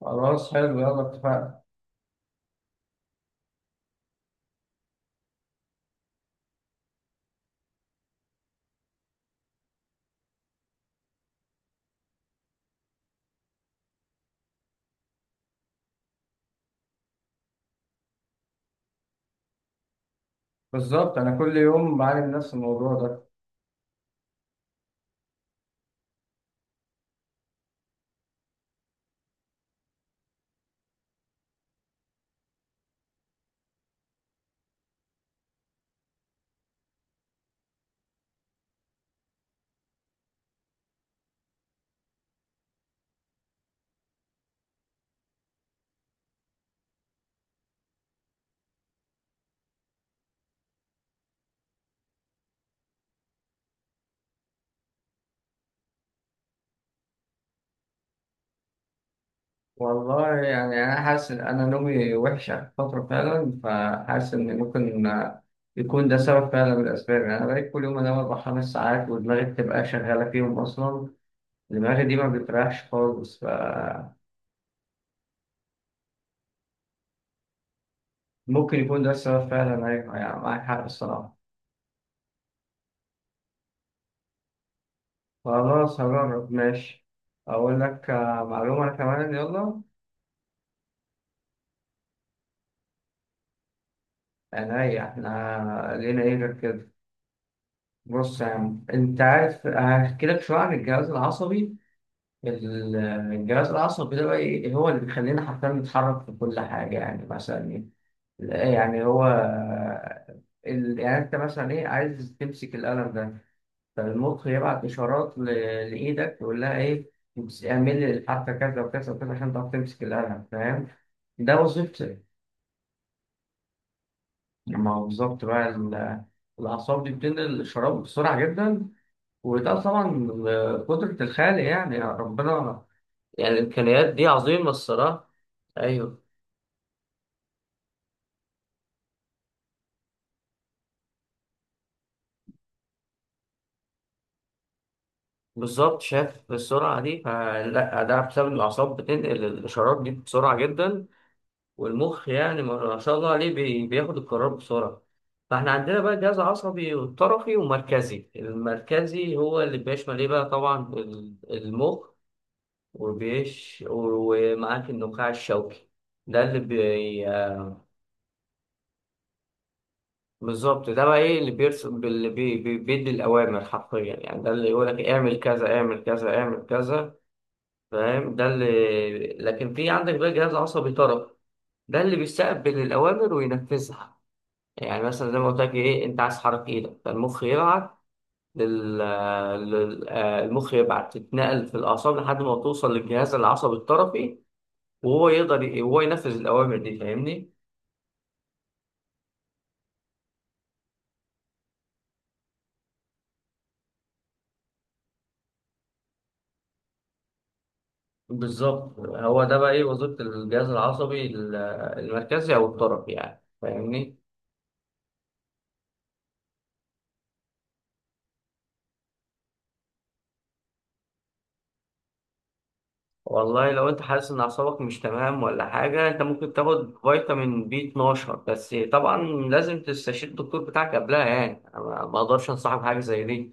خلاص، حلو، يلا اتفقنا. بالظبط، انا كل يوم بعاني من نفس الموضوع ده. والله يعني انا حاسس ان انا نومي وحش اخر فتره فعلا، فحاسس ان ممكن يكون ده سبب فعلا من الاسباب. يعني انا بقيت كل يوم انام اربع خمس ساعات ودماغي بتبقى شغاله فيهم اصلا. دماغي دي ما بتريحش خالص، فممكن يكون ده السبب فعلا. ايوه يعني معاك حق الصراحه. خلاص هجرب ماشي. اقول لك معلومه كمان، يلا. انا ايه احنا لينا ايه غير كده؟ بص يا عم، انت عارف هحكي لك شويه عن الجهاز العصبي. ال- الجهاز العصبي ده بقى ايه؟ هو اللي بيخلينا حرفيا نتحرك في كل حاجه. يعني مثلا ايه؟ لا، يعني هو يعني انت مثلا ايه، عايز تمسك القلم ده، فالمخ يبعت اشارات لايدك، يقول لها ايه، اعمل لي الحركه كذا وكذا وكذا عشان تعرف تمسك القلم، فاهم؟ ده وظيفته. ما هو بالظبط بقى الاعصاب دي بتنقل الاشارات بسرعه جدا، وده طبعا قدرة الخالق يعني، يا ربنا. يعني الإمكانيات دي عظيمة الصراحة. أيوه. بالظبط، شاف السرعة دي؟ فلا، ده بسبب إن الأعصاب بتنقل الإشارات دي بسرعة جدا، والمخ يعني ما شاء الله عليه بياخد القرار بسرعة. فإحنا عندنا بقى جهاز عصبي وطرفي ومركزي. المركزي هو اللي بيشمل إيه بقى؟ طبعا المخ، وبيش ومعاك النخاع الشوكي، ده اللي. بالظبط، ده بقى ايه اللي بيرسم اللي بي بي بيدي الاوامر حرفيا. يعني ده اللي يقول لك اعمل كذا، اعمل كذا، اعمل كذا، فاهم؟ ده اللي. لكن في عندك بقى جهاز عصبي طرف، ده اللي بيستقبل الاوامر وينفذها. يعني مثلا زي ما قلت لك ايه، انت عايز تحرك ايدك، فالمخ يبعت لل... لل... آه، المخ يبعت، تتنقل في الاعصاب لحد ما توصل للجهاز العصبي الطرفي، وهو يقدر هو ينفذ الاوامر دي، فاهمني؟ بالظبط، هو ده بقى ايه وظيفة الجهاز العصبي المركزي او الطرفي، يعني فاهمني؟ والله لو انت حاسس ان اعصابك مش تمام ولا حاجة، انت ممكن تاخد فيتامين بي 12، بس طبعا لازم تستشير الدكتور بتاعك قبلها. يعني أنا ما اقدرش انصحك بحاجة زي دي.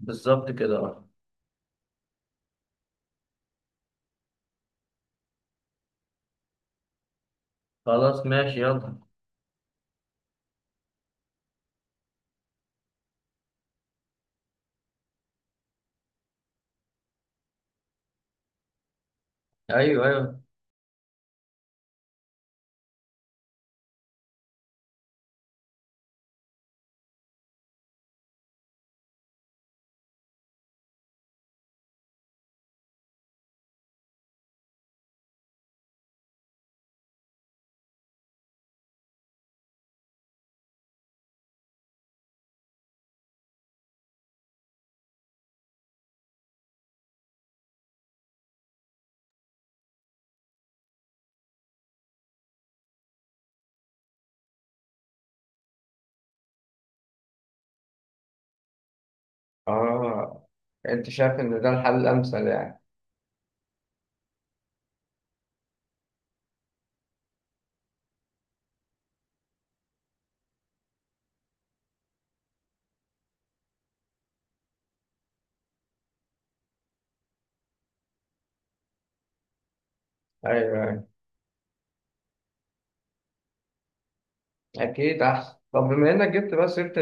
بالظبط كده، آه. خلاص ماشي، يلا. ايوه ايوه، آه. أنت شايف إن ده الحل الأمثل يعني؟ ايوه ايوه، أكيد أحسن. طب بما إنك جبت بقى سيرة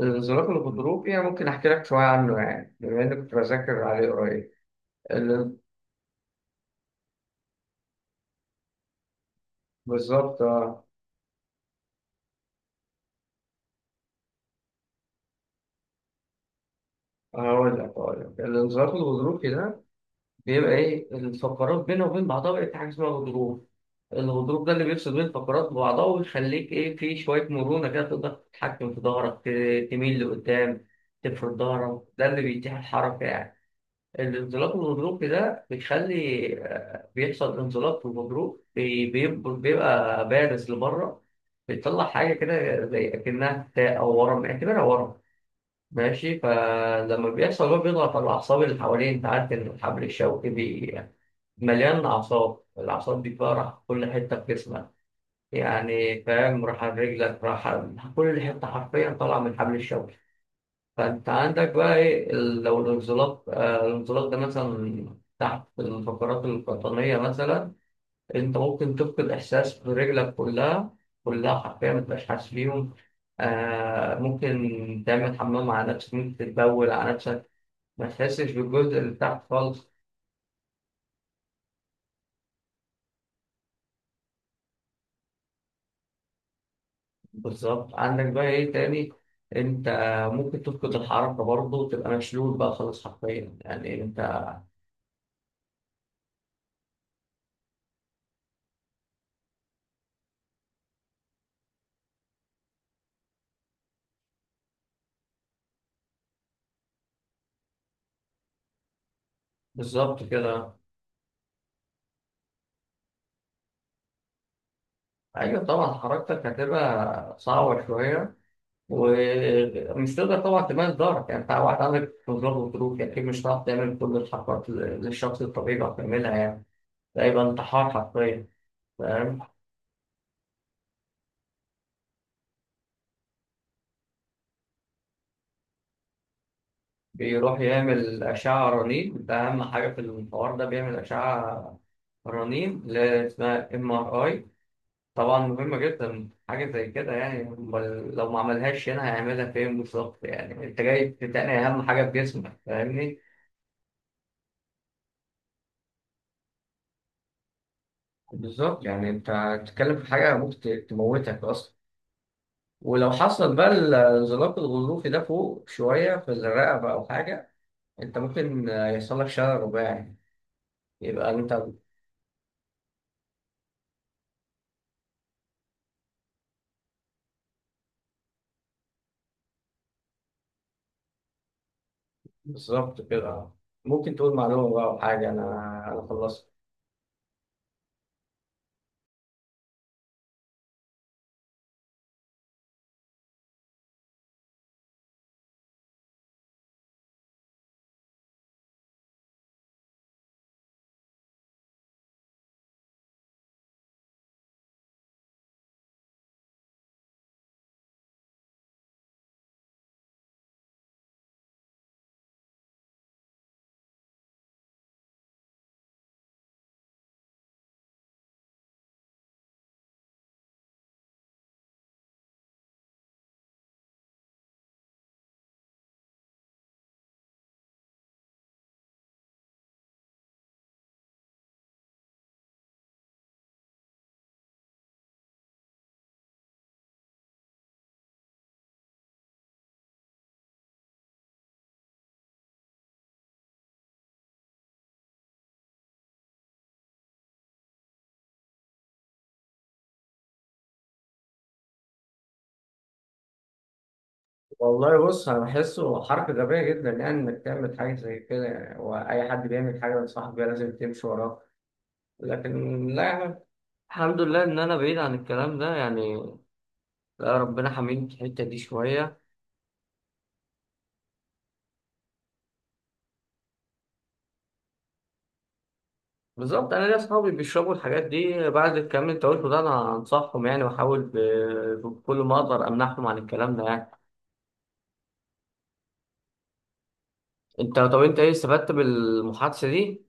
الانزلاق الغضروفي، أنا ممكن أحكي لك شوية عنه، يعني بما إني كنت بذاكر عليه قريب. ال- بالظبط، آه. هقول لك الانزلاق الغضروفي ده بيبقى إيه؟ الفقرات بينه وبين بعضها بقت حاجة اسمها غضروف. الغضروف ده اللي بيفصل بين الفقرات ببعضها ويخليك إيه، في شوية مرونة كده تقدر تتحكم في ظهرك، تميل لقدام، تفرد ظهرك، ده اللي بيتيح الحركة يعني. الانزلاق والغضروف ده بيخلي بيحصل انزلاق، والغضروف بيبقى بارز لبره، بيطلع حاجة كده زي أكنها تاء أو ورم، اعتبرها ورم ماشي. فلما بيحصل، هو بيضغط على الأعصاب اللي حواليه. أنت عارف إن الحبل الشوكي مليان أعصاب. الأعصاب دي بقى راح في كل حتة في جسمك، يعني فاهم، راح على رجلك، كل حتة حرفيا طالعة من الحبل الشوكي. فانت عندك بقى ايه، لو الانزلاق الانزلاق ده مثلا تحت الفقرات القطنية مثلا، انت ممكن تفقد احساس برجلك كلها حرفيا، ما تبقاش حاسس بيهم. آه ممكن تعمل حمام على نفسك، ممكن تتبول على نفسك، ما تحسش بالجزء اللي تحت خالص. بالظبط، عندك بقى ايه تاني، انت ممكن تفقد الحركة برضه وتبقى مشلول بقى خالص حرفيا، يعني انت. بالظبط كده. ايوه طبعا، حركتك هتبقى صعبة شوية ومش تقدر طبعا تمارس دورك. يعني انت واحد عندك قدرات وظروف، يعني اكيد مش هتعرف تعمل كل الحركات اللي الشخص الطبيعي بيعرف يعملها، يعني ده يبقى انتحار حرفيا، فاهم؟ بيروح يعمل أشعة رنين، ده أهم حاجة في الحوار ده، بيعمل أشعة رنين اللي هي اسمها ام ار اي. طبعا مهمة جدا حاجة زي كده، يعني أمال لو ما عملهاش هنا هيعملها فين بالظبط؟ يعني انت جاي تتقني أهم حاجة في جسمك، فاهمني؟ بالظبط. يعني انت بتتكلم في حاجة ممكن تموتك اصلا. ولو حصل بقى الانزلاق الغضروفي ده فوق شوية في الرقبة أو حاجة، أنت ممكن يحصل لك شلل رباعي، يبقى أنت. بالظبط كده. ممكن تقول معلومة بقى أو حاجة، أنا أنا خلصت. والله بص، أنا بحسه حركة غبية جدا، يعني إنك تعمل حاجة زي كده، يعني وأي حد بيعمل حاجة بنصحك بيها لازم تمشي وراه؟ لكن لا، الحمد لله إن أنا بعيد عن الكلام ده يعني، لا ربنا حميني في الحتة دي شوية. بالظبط، انا ليا اصحابي بيشربوا الحاجات دي. بعد الكلام اللي انت قلته ده، انا انصحهم يعني، واحاول بكل ما اقدر امنعهم عن الكلام ده يعني. انت طب انت ايه استفدت بالمحادثه دي؟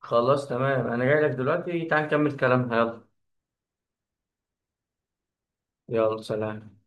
خلاص تمام، انا جاي لك دلوقتي، تعال نكمل كلامنا، يلا. يلا سلام.